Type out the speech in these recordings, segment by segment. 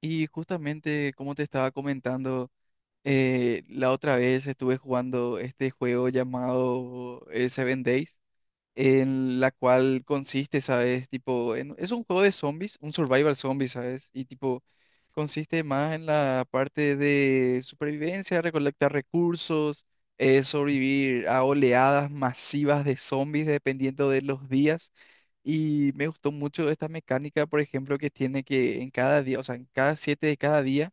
Y justamente como te estaba comentando, la otra vez estuve jugando este juego llamado Seven Days, en la cual consiste, ¿sabes? Tipo, es un juego de zombies, un survival zombie, ¿sabes? Y tipo, consiste más en la parte de supervivencia, recolectar recursos, sobrevivir a oleadas masivas de zombies dependiendo de los días. Y me gustó mucho esta mecánica, por ejemplo, que tiene que en cada día, o sea, en cada siete de cada día,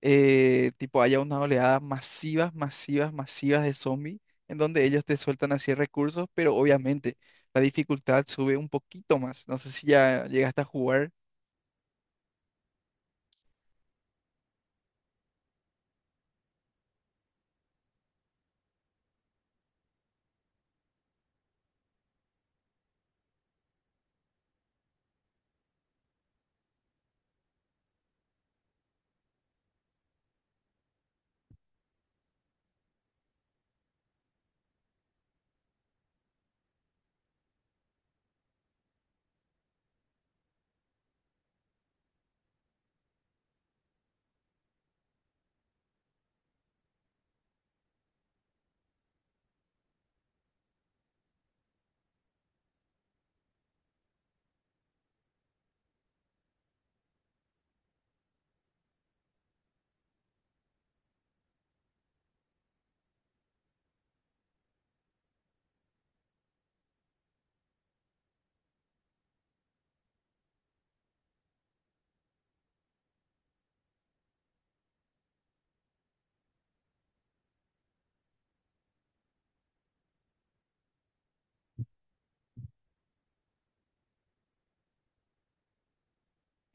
tipo, haya una oleada masivas, masivas, masivas de zombies, en donde ellos te sueltan así recursos, pero obviamente la dificultad sube un poquito más. No sé si ya llegaste a jugar.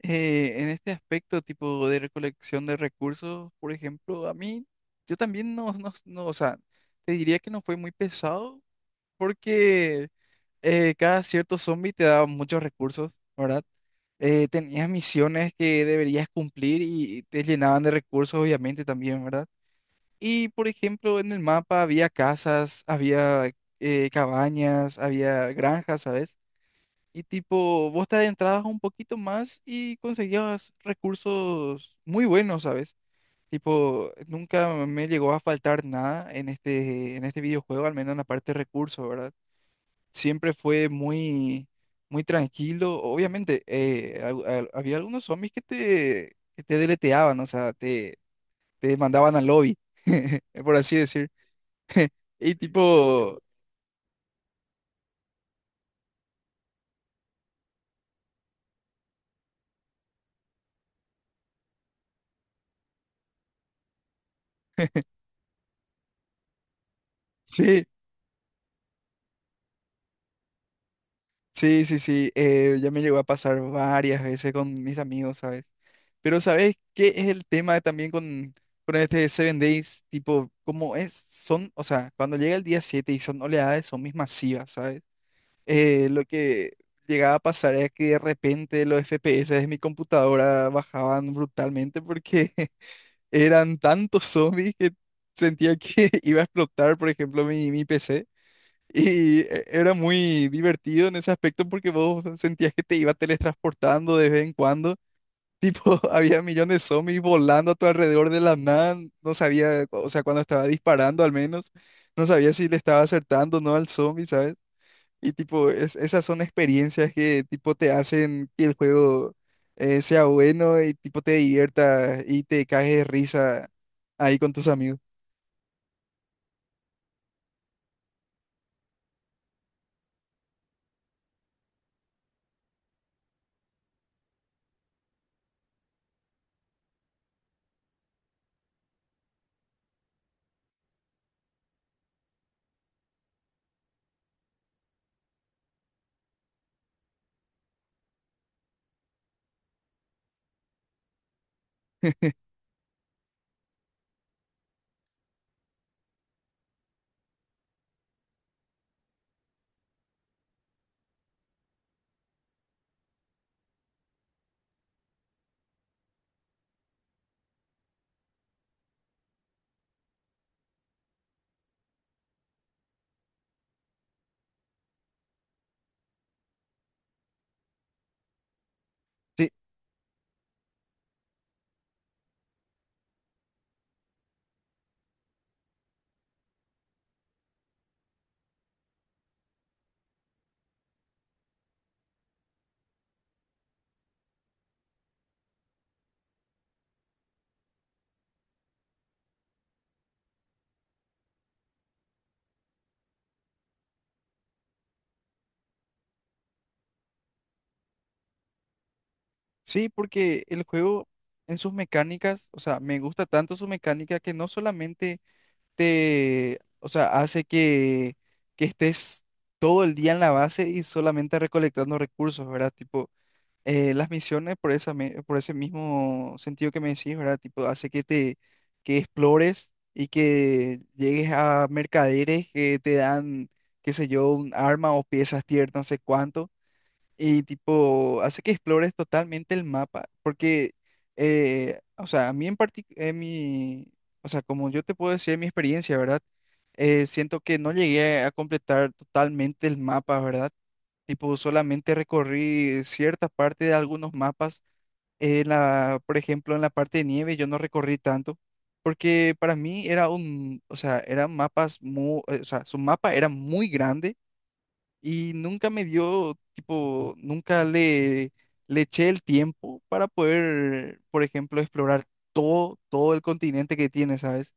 En este aspecto, tipo de recolección de recursos, por ejemplo, a mí, yo también no, no, no, o sea, te diría que no fue muy pesado, porque... cada cierto zombie te daba muchos recursos, ¿verdad? Tenías misiones que deberías cumplir y te llenaban de recursos, obviamente, también, ¿verdad? Y, por ejemplo, en el mapa había casas, había cabañas, había granjas, ¿sabes? Y tipo, vos te adentrabas un poquito más y conseguías recursos muy buenos, ¿sabes? Tipo, nunca me llegó a faltar nada en este, en este videojuego, al menos en la parte de recursos, ¿verdad? Siempre fue muy, muy tranquilo. Obviamente, había algunos zombies que te deleteaban, o sea, te mandaban al lobby, por así decir. Y tipo, sí, sí, sí, sí, ya me llegó a pasar varias veces con mis amigos, ¿sabes? Pero ¿sabes qué es el tema también con este Seven Days? Tipo, como es, son, o sea, cuando llega el día 7 y son oleadas de zombies masivas, ¿sabes? Lo que llegaba a pasar era que de repente los FPS de mi computadora bajaban brutalmente, porque eran tantos zombies que sentía que iba a explotar, por ejemplo, mi PC. Y era muy divertido en ese aspecto porque vos sentías que te iba teletransportando de vez en cuando. Tipo, había millones de zombies volando a tu alrededor de la nada. No sabía, o sea, cuando estaba disparando al menos, no sabía si le estaba acertando o no al zombie, ¿sabes? Y tipo, esas son experiencias que tipo te hacen que el juego sea bueno y tipo te divierta y te caes de risa ahí con tus amigos. Sí, sí, porque el juego en sus mecánicas, o sea, me gusta tanto su mecánica que no solamente te, o sea, hace que estés todo el día en la base y solamente recolectando recursos, ¿verdad? Tipo, las misiones por por ese mismo sentido que me decís, ¿verdad? Tipo, hace que te que explores y que llegues a mercaderes que te dan, qué sé yo, un arma o piezas tier, no sé cuánto, y tipo, hace que explores totalmente el mapa, porque, o sea, a mí en particular, mi, o sea, como yo te puedo decir mi experiencia, ¿verdad? Siento que no llegué a completar totalmente el mapa, ¿verdad? Tipo, solamente recorrí cierta parte de algunos mapas. En la, por ejemplo, en la parte de nieve yo no recorrí tanto, porque para mí era un, o sea, eran mapas muy, o sea, su mapa era muy grande y nunca me dio, tipo, nunca le, le eché el tiempo para poder, por ejemplo, explorar todo, todo el continente que tiene, ¿sabes?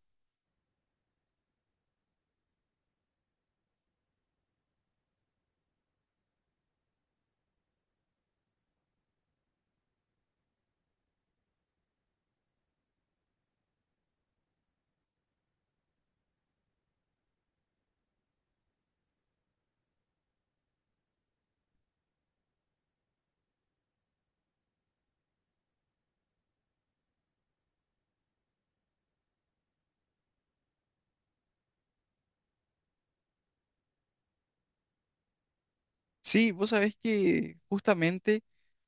Sí, vos sabés que justamente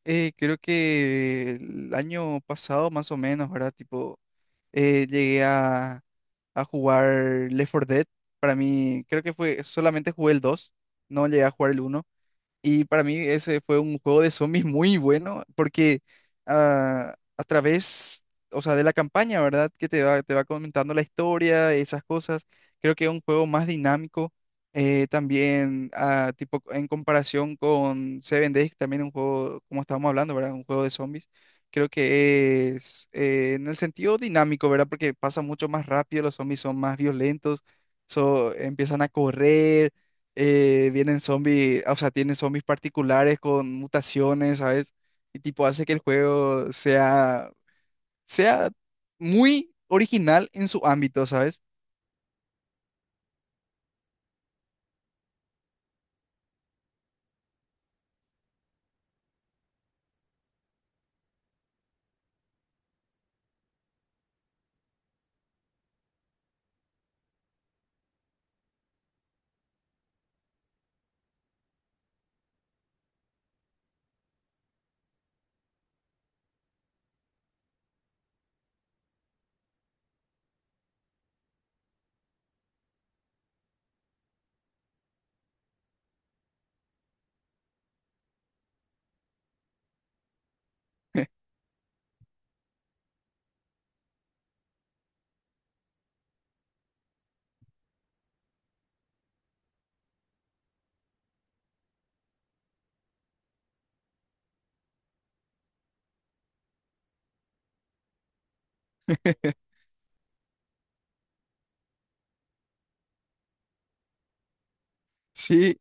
creo que el año pasado más o menos, ¿verdad? Tipo, llegué a jugar Left 4 Dead. Para mí, creo que fue, solamente jugué el 2. No llegué a jugar el uno. Y para mí ese fue un juego de zombies muy bueno porque a través, o sea, de la campaña, ¿verdad? Que te va comentando la historia, esas cosas. Creo que es un juego más dinámico. También, tipo, en comparación con Seven Days, también un juego, como estábamos hablando, ¿verdad? Un juego de zombies. Creo que es en el sentido dinámico, ¿verdad? Porque pasa mucho más rápido, los zombies son más violentos, empiezan a correr. Vienen zombies, o sea, tienen zombies particulares con mutaciones, ¿sabes? Y tipo hace que el juego sea, sea muy original en su ámbito, ¿sabes? Sí,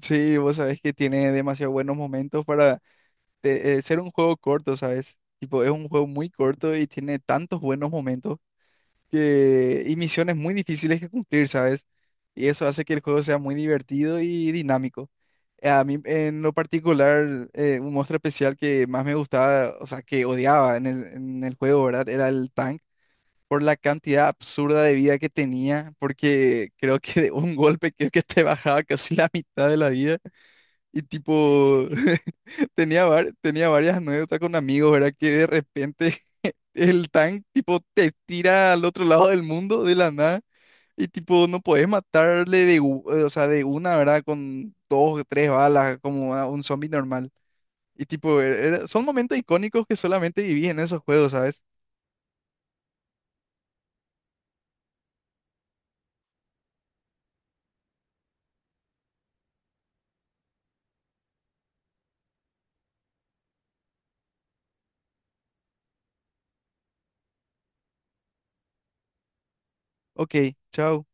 sí, vos sabés que tiene demasiado buenos momentos para ser un juego corto, ¿sabes? Tipo, es un juego muy corto y tiene tantos buenos momentos que, y misiones muy difíciles que cumplir, ¿sabes? Y eso hace que el juego sea muy divertido y dinámico. A mí en lo particular, un monstruo especial que más me gustaba, o sea, que odiaba en el juego, ¿verdad? Era el tank, por la cantidad absurda de vida que tenía, porque creo que de un golpe creo que te bajaba casi la mitad de la vida. Y tipo, tenía, tenía varias anécdotas con amigos, ¿verdad? Que de repente el tank, tipo, te tira al otro lado del mundo de la nada. Y tipo, no podés matarle de, o sea, de una, ¿verdad? Con dos o tres balas, como a un zombie normal. Y tipo, son momentos icónicos que solamente viví en esos juegos, ¿sabes? Ok, chao.